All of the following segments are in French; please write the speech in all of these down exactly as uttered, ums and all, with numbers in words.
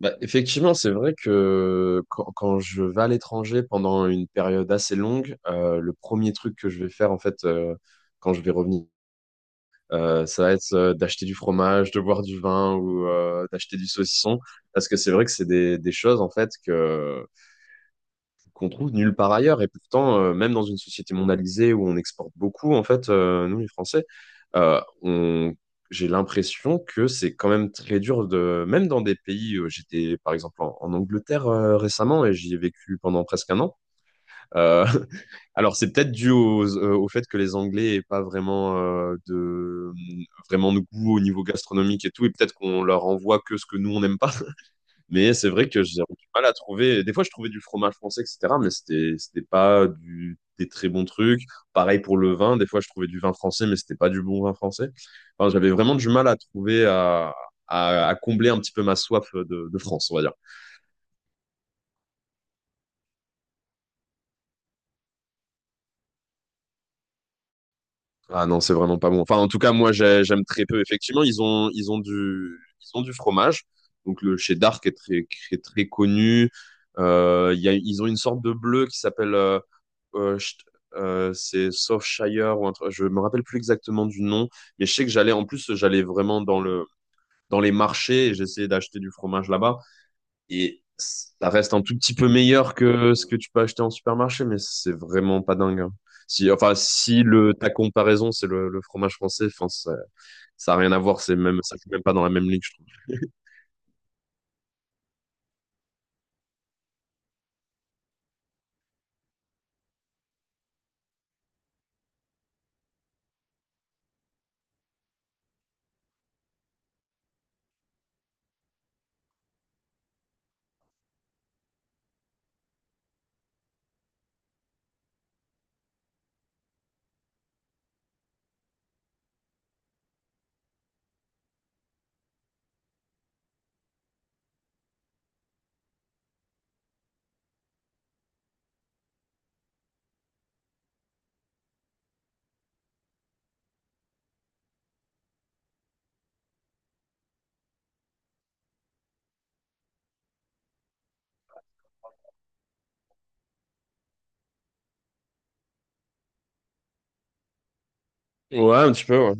Bah, effectivement, c'est vrai que quand, quand je vais à l'étranger pendant une période assez longue, euh, le premier truc que je vais faire en fait euh, quand je vais revenir, euh, ça va être euh, d'acheter du fromage, de boire du vin ou euh, d'acheter du saucisson, parce que c'est vrai que c'est des, des choses en fait que qu'on trouve nulle part ailleurs. Et pourtant, euh, même dans une société mondialisée où on exporte beaucoup, en fait, euh, nous, les Français, euh, on... J'ai l'impression que c'est quand même très dur de, même dans des pays, euh, j'étais par exemple en, en Angleterre euh, récemment et j'y ai vécu pendant presque un an. Euh, alors c'est peut-être dû aux- euh, au, fait que les Anglais aient pas vraiment euh, de vraiment de goût au niveau gastronomique et tout, et peut-être qu'on leur envoie que ce que nous on n'aime pas. Mais c'est vrai que j'ai du mal à trouver. Des fois, je trouvais du fromage français, et cætera. Mais c'était, c'était pas du, des très bons trucs. Pareil pour le vin. Des fois, je trouvais du vin français, mais c'était pas du bon vin français. Enfin, j'avais vraiment du mal à trouver, à, à, à combler un petit peu ma soif de, de France, on va dire. Ah non, c'est vraiment pas bon. Enfin, en tout cas, moi, j'ai- j'aime très peu. Effectivement, ils ont, ils ont du, ils ont du fromage. Donc, le cheddar qui est très, qui est très connu. Euh, il y a, ils ont une sorte de bleu qui s'appelle, euh, euh, Sh- euh, c'est Shire ou un truc. Je me rappelle plus exactement du nom, mais je sais que j'allais, en plus, j'allais vraiment dans le, dans les marchés et j'essayais d'acheter du fromage là-bas. Et ça reste un tout petit peu meilleur que ce que tu peux acheter en supermarché, mais c'est vraiment pas dingue, hein. Si, enfin, si le, ta comparaison, c'est le, le fromage français, enfin, ça, ça a rien à voir, c'est même, ça fait même pas dans la même ligue, je trouve. Ouais, un petit peu, ouais.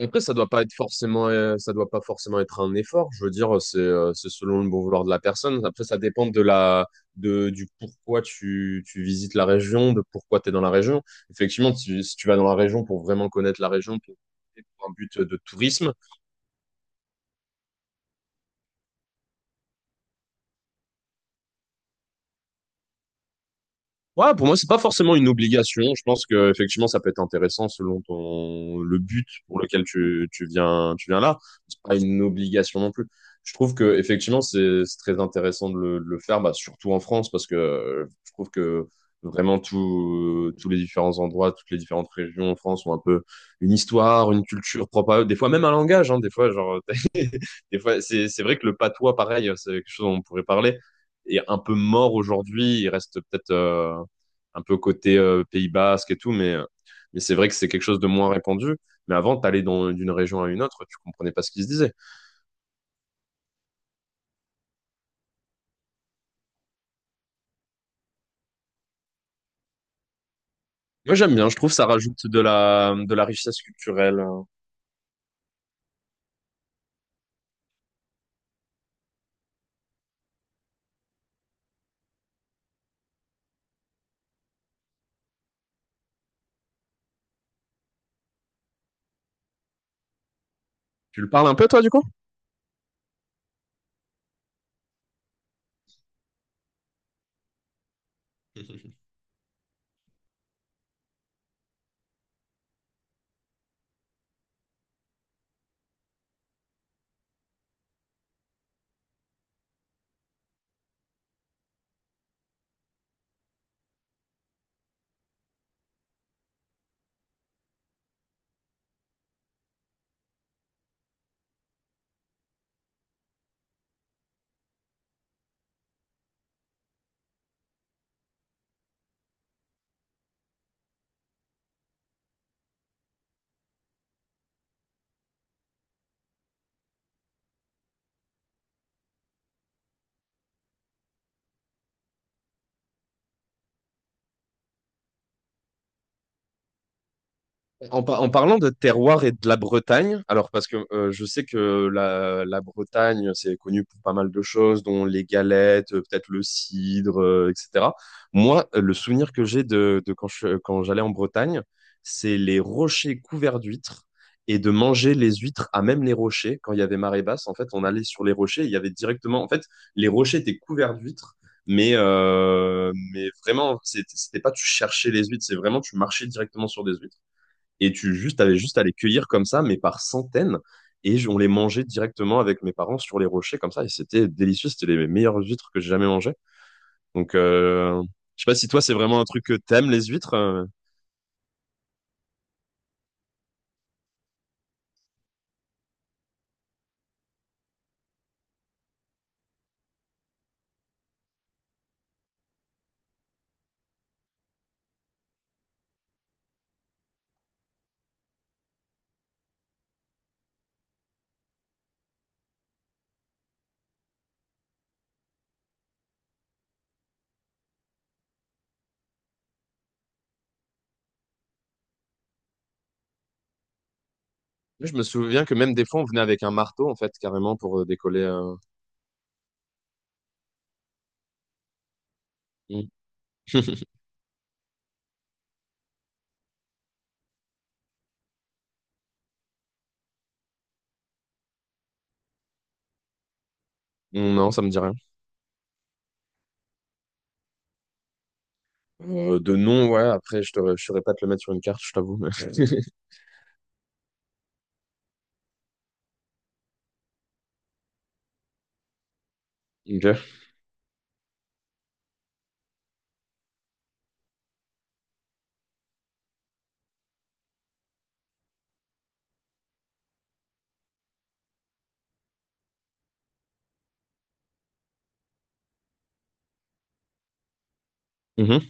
Après, ça doit pas être forcément, euh, ça doit pas forcément être un effort. Je veux dire, c'est euh, c'est selon le bon vouloir de la personne. Après, ça dépend de la, de, du pourquoi tu, tu visites la région, de pourquoi tu es dans la région. Effectivement, tu- si tu vas dans la région pour vraiment connaître la région, pour, pour un but de tourisme. Ouais, pour moi, c'est pas forcément une obligation. Je pense que effectivement, ça peut être intéressant selon ton le but pour lequel tu, tu viens tu viens là. C'est pas une obligation non plus. Je trouve que effectivement, c'est c'est très intéressant de le, de le faire, bah, surtout en France, parce que euh, je trouve que vraiment tout, tous les différents endroits, toutes les différentes régions en France ont un peu une histoire, une culture propre à eux. Des fois même un langage, hein. Des fois, genre des fois, c'est, c'est vrai que le patois, pareil, euh, c'est quelque chose dont on pourrait parler, est un peu mort aujourd'hui. Il reste peut-être euh, un peu côté euh, Pays Basque et tout, mais, euh, mais c'est vrai que c'est quelque chose de moins répandu. Mais avant, t'allais dans- d'une région à une autre, tu comprenais pas ce qui se disait. Moi, j'aime bien. Je trouve que ça rajoute de la, de la richesse culturelle. Tu le parles un peu, toi, du coup? En, par- en parlant de terroir et de la Bretagne, alors parce que euh, je sais que la, la Bretagne, c'est connu pour pas mal de choses, dont les galettes, euh, peut-être le cidre, euh, et cætera. Moi, euh, le souvenir que j'ai de, de quand je- quand j'allais en Bretagne, c'est les rochers couverts d'huîtres et de manger les huîtres à même les rochers. Quand il y avait marée basse, en fait, on allait sur les rochers, il y avait directement, en fait, les rochers étaient couverts d'huîtres. Mais, euh, mais vraiment, c'était c'était pas tu cherchais les huîtres, c'est vraiment tu marchais directement sur des huîtres. Et tu juste, avais juste à les cueillir comme ça, mais par centaines. Et je- on les mangeait directement avec mes parents sur les rochers comme ça. Et c'était délicieux. C'était les meilleures huîtres que j'ai jamais mangées. Donc, euh, je sais pas si toi, c'est vraiment un truc que t'aimes, les huîtres, euh. Moi, je me souviens que même des fois, on venait avec un marteau, en fait, carrément, pour euh, décoller, euh. Mm. Non, ça me dit rien. Euh, de nom, ouais. Après, je ne saurais pas te le mettre sur une carte, je t'avoue, mais- Ok. Mhm.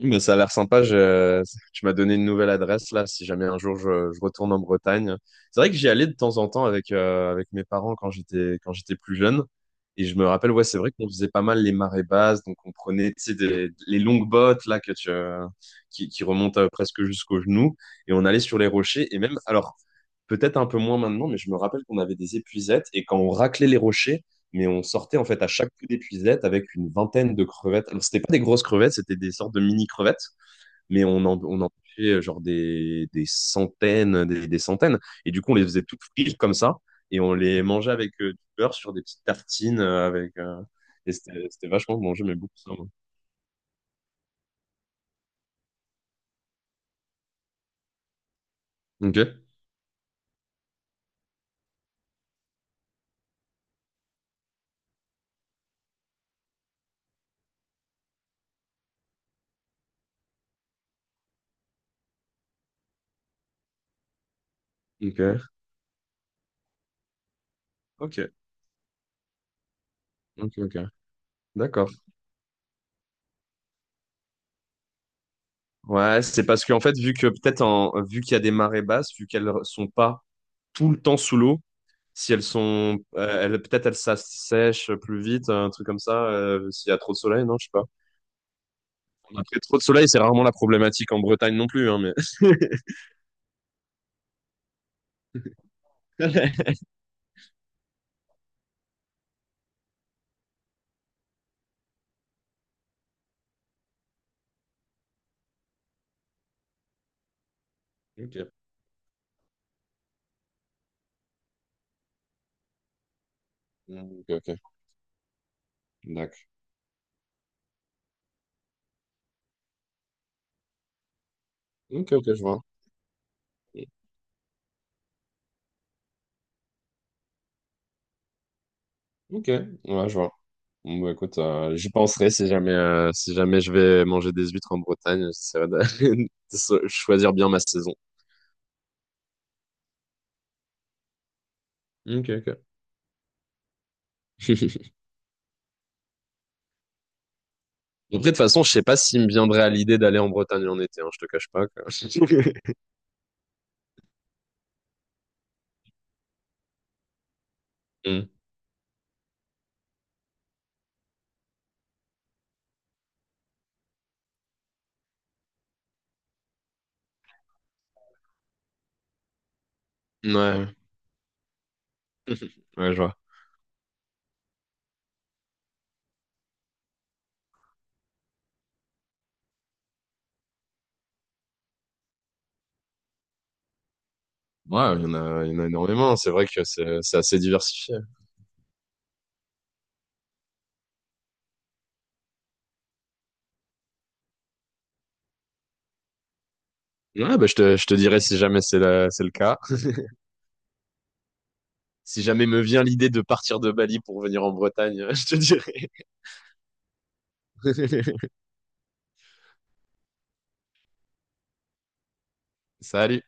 Mais ça a l'air sympa. Je... Tu m'as donné une nouvelle adresse là, si jamais un jour je, je retourne en Bretagne. C'est vrai que j'y allais de temps en temps avec, euh, avec mes parents quand j'étais quand j'étais plus jeune. Et je me rappelle, ouais, c'est vrai qu'on faisait pas mal les marées basses, donc on prenait, tu sais, des- les longues bottes là que tu, euh, qui, qui remontent euh, presque jusqu'aux genoux, et on allait sur les rochers. Et même, alors peut-être un peu moins maintenant, mais je me rappelle qu'on avait des épuisettes et quand on raclait les rochers mais on sortait en fait à chaque coup d'épuisette avec une vingtaine de crevettes. Alors, c'était pas des grosses crevettes, c'était des sortes de mini crevettes, mais on en, on en pêchait genre des, des centaines, des, des centaines. Et du coup, on les faisait toutes frites comme ça et on les mangeait avec euh, du beurre sur des petites tartines euh, avec, euh, et c'était c'était vachement bon, j'aimais beaucoup ça, moi. Ok, ok, ok, ok, ok. D'accord. Ouais, c'est parce qu'en fait, vu que peut-être en, vu qu'il y a des marées basses, vu qu'elles sont pas tout le temps sous l'eau, si elles sont, euh, elles, peut-être elles s'assèchent plus vite, un truc comme ça, euh, s'il y a trop de soleil, non, je sais pas. Après, trop de soleil, c'est rarement la problématique en Bretagne non plus, hein, mais. Mm. Ok, ok, d'accord. Ok, ok, je vois. Ok, ouais, je vois. Bon, bah, écoute, euh, j'y penserai si jamais, euh, si jamais je vais manger des huîtres en Bretagne, j'essaierai de, de so- choisir bien ma saison. Ok, ok. Après, de toute façon, je sais pas s'il me viendrait à l'idée d'aller en Bretagne en été, hein, je te cache pas, quoi. Hmm. Ouais, ouais, je vois. Ouais, il y en a, il y en a énormément. C'est vrai que c'est c'est assez diversifié. Ouais, bah, je te, je te dirai si jamais c'est la- c'est le cas. Si jamais me vient l'idée de partir de Bali pour venir en Bretagne, je te dirai. Salut.